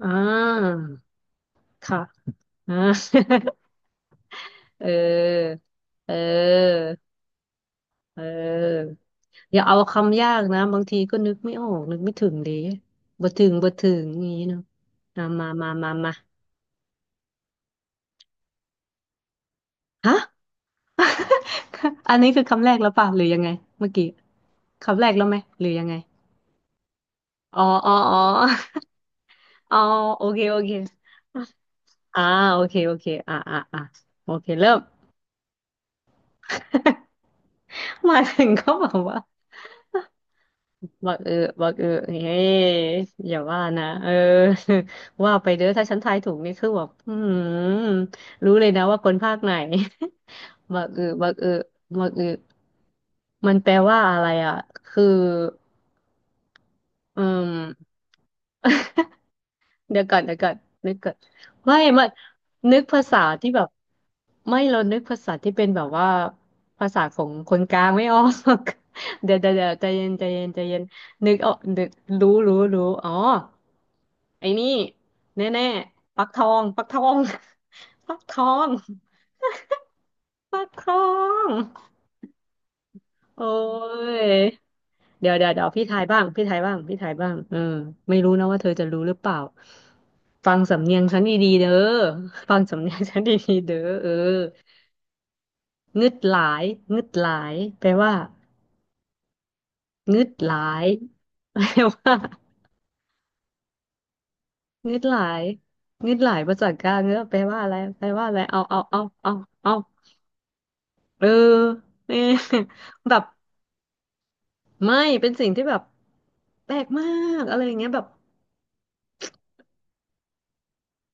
อ่าค่ะอ่า เออ เออ เอออย่าเอาคำยากนะบางทีก็นึกไม่ออกนึกไม่ถึงดิบ่ถึงบ่ถึงอย่างนี้เนาะอ่ามามามามาฮะ อันนี้คือคำแรกแล้วป่ะหรือยังไงเมื่อกี้คำแรกแล้วไหมหรือยังไงอ๋ออ๋ออ๋ออ๋อโอเคโอเคอ่าโอเคโอเคอ่าอ่าอ่าโอเคเริ่ม มาถึงก็บอกว่า บักเออบักเออเฮ้ยอย่าว่านะเออ ว่าไปเด้อถ้าฉันทายถูกนี่คือแบบอืมรู้เลยนะว่าคนภาคไหน บักเออบักเออบักเออมันแปลว่าอะไรอ่ะคืออืม เดี๋ยวก่อนนึกก่อนไม่มันนึกภาษาที่แบบไม่เรานึกภาษาที่เป็นแบบว่าภาษาของคนกลางไม่ออก เดี๋ยวใจเย็นนึกออกนึกรู้อ๋อไอ้นี่แน่ๆปักทอง ปักทองปักทองโอ้ย เดี๋ยวพี่ทายบ้างพี่ทายบ้างพี่ทายบ้างเออไม่รู้นะว่าเธอจะรู้หรือเปล่าฟังสำเนียงฉันดีๆเด้อฟังสำเนียงฉันดีๆเด้อเอองึดหลายงึดหลายแปลว่างึดหลายแปลว่างึดหลายงึดหลายภาษากลางเนอะแปลว่าอะไรแปลว่าอะไรเอาเออเนี่ย แบบไม่เป็นสิ่งที่แบบแปลกมากอะไรอย่างเงี้ยแบบ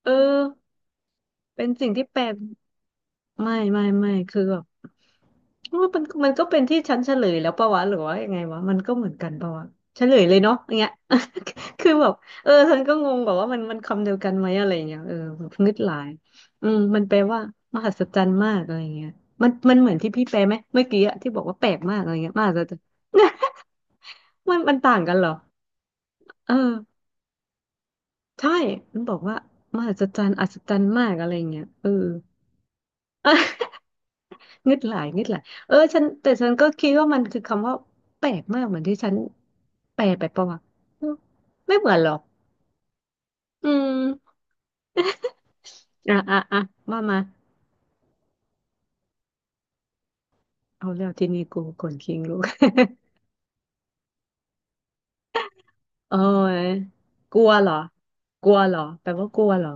เออเป็นสิ่งที่แปลกไม่คือแบบ ว่ามันก็เป็นที่ฉันเฉลยแล้วปะวะหรือว่ายังไงวะมันก็เหมือนกันปะวะเฉลยเลยเนาะอย่างเงี้ย คือแบบเออฉันก็งงแบบว่ามันคำเดียวกันไหมอะไรอย่างเงี้ยเออแบบงึดหลายอืมมันแปลว่ามหัศจรรย์มากอะไรอย่างเงี้ยมันเหมือนที่พี่แปลไหมเมื่อกี้อะที่บอกว่าแปลกมากอะไรเงี้ยมหัศจรรย์ มันต่างกันเหรอเออใช่มันบอกว่ามหัศจรรย์อัศจรรย์มากอะไรอย่างเงี้ยเออ งึดหลายเออฉันแต่ฉันก็คิดว่ามันคือคำว่าแปลกมากเหมือนที่ฉันแปลไปปะวะเออไม่เหมือนหรอกอืมอ่ะมามาเอาแล้วทีนี้กูคนคิงลูก โอ้ยกลัวเหรอกลัวเหรอแปลว่ากลัวเหรอ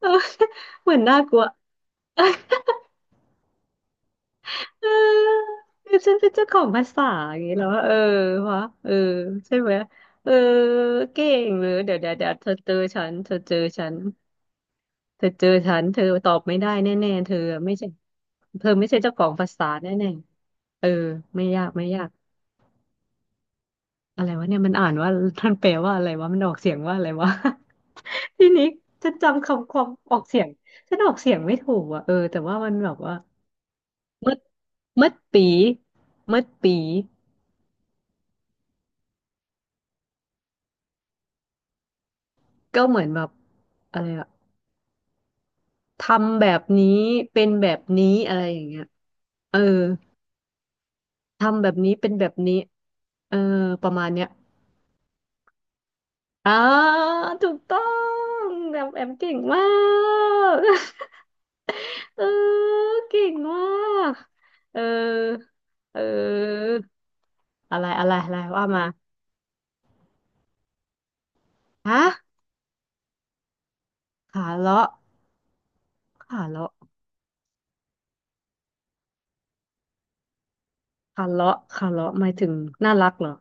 เออ เหมือนน่ากลัวเออคือฉันเป็นเจ้าของภาษาอย่างนี้แล้วอะเออวะเออใช่ไหมเออเก่งเลยเดี๋ยวเธอเจอฉัน เธอเจอฉันเธอตอบไม่ได้แน่ๆไม่ใช่เธอไม่ใช่เจ้าของภาษาแน่ๆเออไม่ยากอะไรวะเนี่ยมันอ่านว่าท่านแปลว่าอะไรวะมันออกเสียงว่าอะไรวะ ทีนี้ฉันจำคำความออกเสียงฉันออกเสียงไม่ถูกอ่ะเออแต่ว่ามันแบบว่ามัดมัดปีมัดปีก็เหมือนแบบอะไรอะทำแบบนี้เป็นแบบนี้อะไรอย่างเงี้ยเออทำแบบนี้เป็นแบบนี้เออประมาณเนี้ย อ๋อถูกต้องแบบแอมเก่งมาก เออเก่งมากเออเอออะไรอะไรอะไรว่ามาฮะขาเลาะขาเลาะขาเลาะขาเลาะหมายถึงน่ารักเหรอ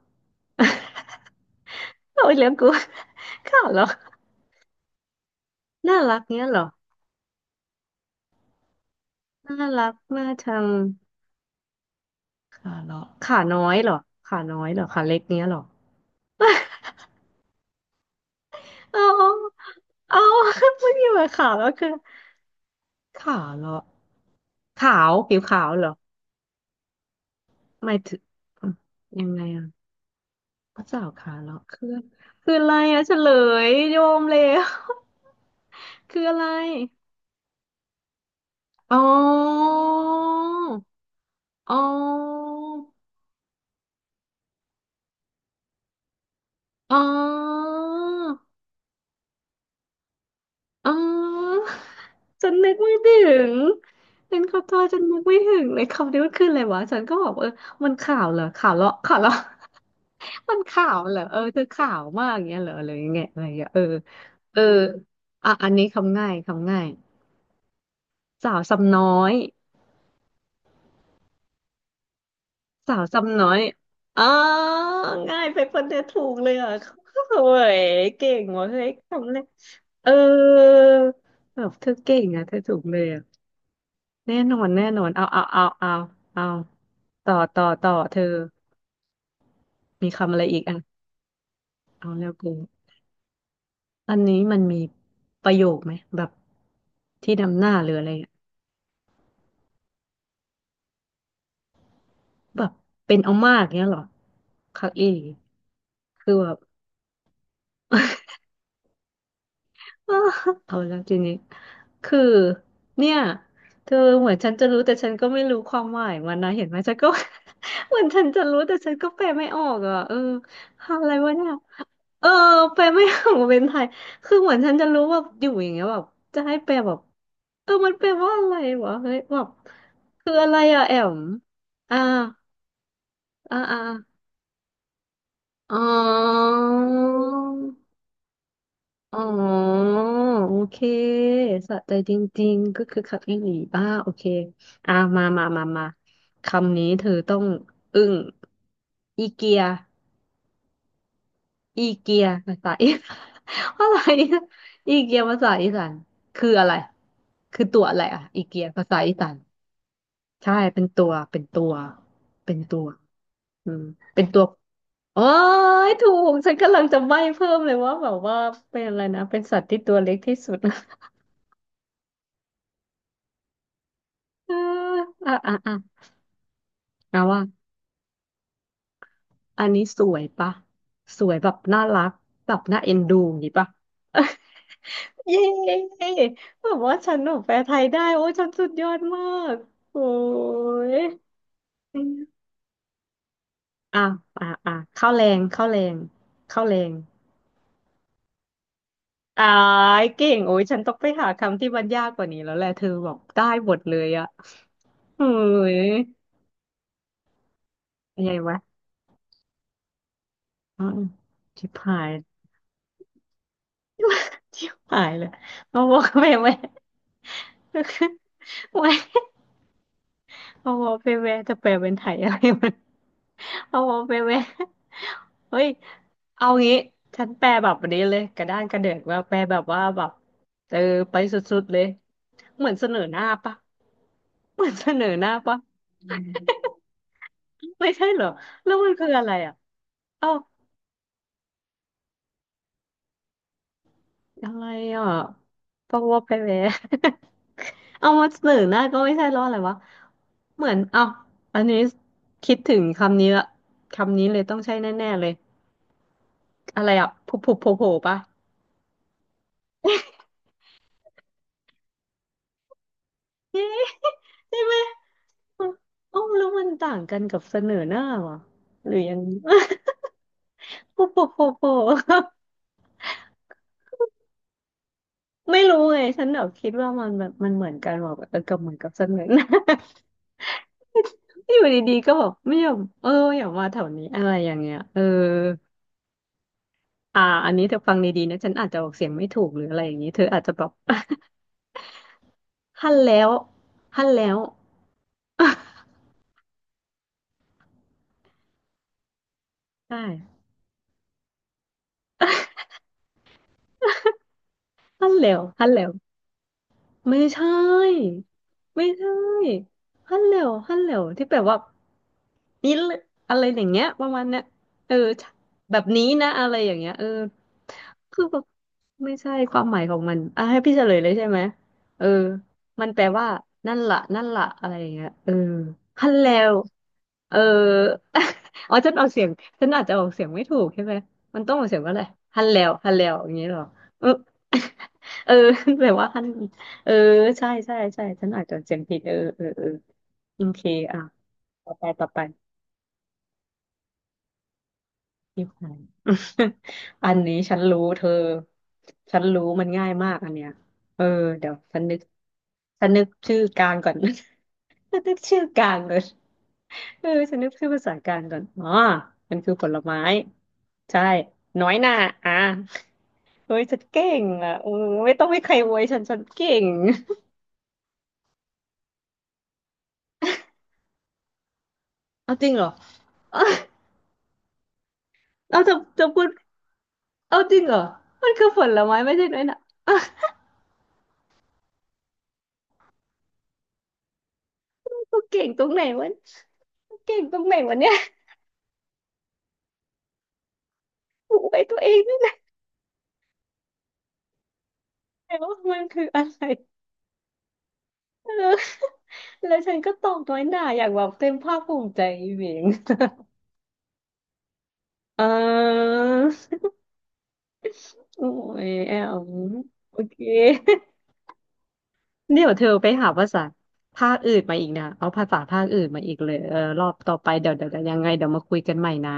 โอ้ยเลี้ยงกู ขาเลาะน่ารักเนี้ยเหรอน่ารักน่าชังขาเลาะขาน้อยเหรอขาน้อยเหรอขาเล็กเนี้ยเหรอ เอาเอา ไม่มีหมายขาวแล้วคือขาวเหรอขาวผิวขาวเหรอหมายถึงอยังไงอ่ะก็้าขาวเหรอคือคืออะไรอ่ะเฉลยโยมเลย คืออะไรอ๋ออ๋ออ๋อ อ๋อฉันนึกไม่ถึงเป็นขอโทษฉันนึกไม่ถึงเลยคำนี้มันคืออะไรวะฉันก็บอกเออมันข่าวเหรอข่าวเลาะข่าวเลาะ มันข่าวเหรอเออเธอข่าวมากอย่างเงี้ยเหรออะไรอย่างเงี้ยอะไรอย่างเงี้ยเออเอออันนี้คำง่ายคำง่ายสาวซ้ำน้อยสาวซ้ำน้อย อ๋อง่ายไปคนเดียวถูกเลยอ่ะเฮ้ยเก่งว่ะเฮ้ยคำเลยเออแบบเธอเก่งอ่ะเธอถูกเลยอ่ะ แน่นอนเอาต่อเธอมีคำอะไรอีกอ่ะเอาแล้วกูอันนี้มันมีประโยคไหมแบบที่นำหน้าหรืออะไรอะแบบเป็นเอามากเนี้ยเหรอคักอีคือแบบ เอาแล้วทีนี้คือเนี่ยเธอเหมือนฉันจะรู้แต่ฉันก็ไม่รู้ความหมายมันนะเห็นไหมฉันก็ เหมือนฉันจะรู้แต่ฉันก็แปลไม่ออกอ่ะเอออะไรวะเนี่ย เออแปลไม่ออกเป็นไทยคือเหมือนฉันจะรู้ว่าอยู่อย่างเงี้ยแบบจะให้แปลแบบมันแปลว่าอะไรวะเฮ้ยแบบคืออะไรอะแอมอ่าอ่าอ่าอ๋ออ๋อโอเคสะใจจริงๆก็คือคักอีหลีบ้าโอเคอ่ามามามามาคำนี้เธอต้องอึ้งอีเกีย อีเกียภาษาอีสาน อะไรเนะอีเกียภาษาอีสานคืออะไรคือตัวอะไรอ่ะอีเกียภาษาอีสานใช่เป็นตัวเป็นตัวอืมเป็นตัวโอ้ยถูกฉันกำลังจะใบ้เพิ่มเลยว่าแบบว่าเป็นอะไรนะเป็นสัตว์ที่ตัวเล็กที่สุด เอออ่ะอ่ะอ่ะนะว่าอันนี้สวยปะสวยแบบน่ารักแบบน่าเอ็นดูอย่างนี้ปะ เย้แบบว่าฉันหนูแปลไทยได้โอ้ฉันสุดยอดมากโอ้ยอ่ะอ่ะอ่ะเข้าวแรงเข้าวแรงเข้าวแรงอ่ายเก่งโอ้ยฉันต้องไปหาคำที่มันยากกว่านี้แล้วแหละเธอบอกได้หมดเลยอะเฮ้ยยังไงวะอืมชิบหายชิบหายเลยเอาวอกไปไหมไม่ เอาวอกไปไหมจะแปลเป็นไทยอะไรมัน เอาไปเว้ย เฮ้ยเอางี้ฉันแปลแบบนี้เลยกระด้านกระเดือกว่าแปลแบบว่าแบบเออไปสุดๆเลยเหมือนเสนอหน้าปะเหมือนเสนอหน้าปะ ไม่ใช่เหรอ แล้วมันคืออะไรอ่ะเอ้าอะไรอ่ะปะวะไปแวย เอามาเสนอหน้าก็ไม่ใช่แล้ออะไรวะเหมือนเอ้าอันนี้คิดถึงคำนี้ละคำนี้เลยต้องใช่แน่ๆเลยอะไรอ่ะผุผุโผล่ๆปะะ ใช่ไหม เอ้าแล้วมันต่างกันกับเสนอหน้าเหรอหรือยัง โปโปโปโป ไม่รู้ไงฉันแบบคิดว่ามันแบบมันเหมือนกันแบอกเออกับเหมือนกับเสนอหน้า อยู่ดีๆก็แบบไม่ยอมเอออย่ามาแถวนี้อะไรอย่างเงี้ยเอออันนี้เธอฟังดีๆนะฉันอาจจะออกเสียงไม่ถูกหรืออะไรอย่างนี้เธออาจจะแบบ ฮั่นแล้วฮั่นแล้ว ใช่ฮั่นแล้วฮั่นแล้ว ไม่ใช่ไม่ใช่ฮัลโหลฮัลโหลที่แปลว่านี่เลยอะไรอย่างเงี้ยประมาณเนี้ยเออแบบนี้นะอะไรอย่างเงี้ยเออคือแบบไม่ใช่ความหมายของมันอ่ะให้พี่เฉลยเลยใช่ไหมเออมันแปลว่านั่นล่ะนั่นล่ะอะไรอย่างเงี้ยเออฮัลโหลเออ อ๋อฉันออกเสียงฉันอาจจะออกเสียงไม่ถูกใช่ไหมมันต้องออกเสียงว่าอะไรฮัลโหลฮัลโหลอย่างเงี้ยเหรอเออ เออแปลว่าฮัลโหล เออใช่ใช่ใช่ฉันอาจจะเสียงผิดเออเออเออโอเคอ่ะต่อไปต่อไปที่ใคร อันนี้ฉันรู้เธอฉันรู้มันง่ายมากอันเนี้ยเออเดี๋ยวฉันนึกฉันนึกชื่อกลางก่อน ฉันนึกชื่อกลางก่อนเออฉันนึกชื่อภาษากลางก่อนอ๋อมันคือผลไม้ใช่น้อยหน่าอ่ะเฮ้ยฉันเก่งอ่ะเออไม่ต้องให้ใครอวยฉันฉันเก่ง เอาจริงเหรอ เราจะพูด เอาจริงเหรอมันคือผลไม้ไม่ใช่น้อยหนะ อกูเก่งตรงไหนวะกูเก่งตรงไหนวะเนี่ยกูไปตัวเองไม่ได้แล้ามันคืออะไรเออแล้วฉันก็ตอบน้อยหน่าอย่างแบบเต็มภาคภูมิใจอีเหวงเออโอ้ยแอมโอเค เดี๋ยวเธอไปหาภาษาภาคอื่นมาอีกนะเอาภาษาภาคอื่นมาอีกเลยเออรอบต่อไปเดี๋ยวเดี๋ยวเดี๋ยวยังไงเดี๋ยวมาคุยกันใหม่นะ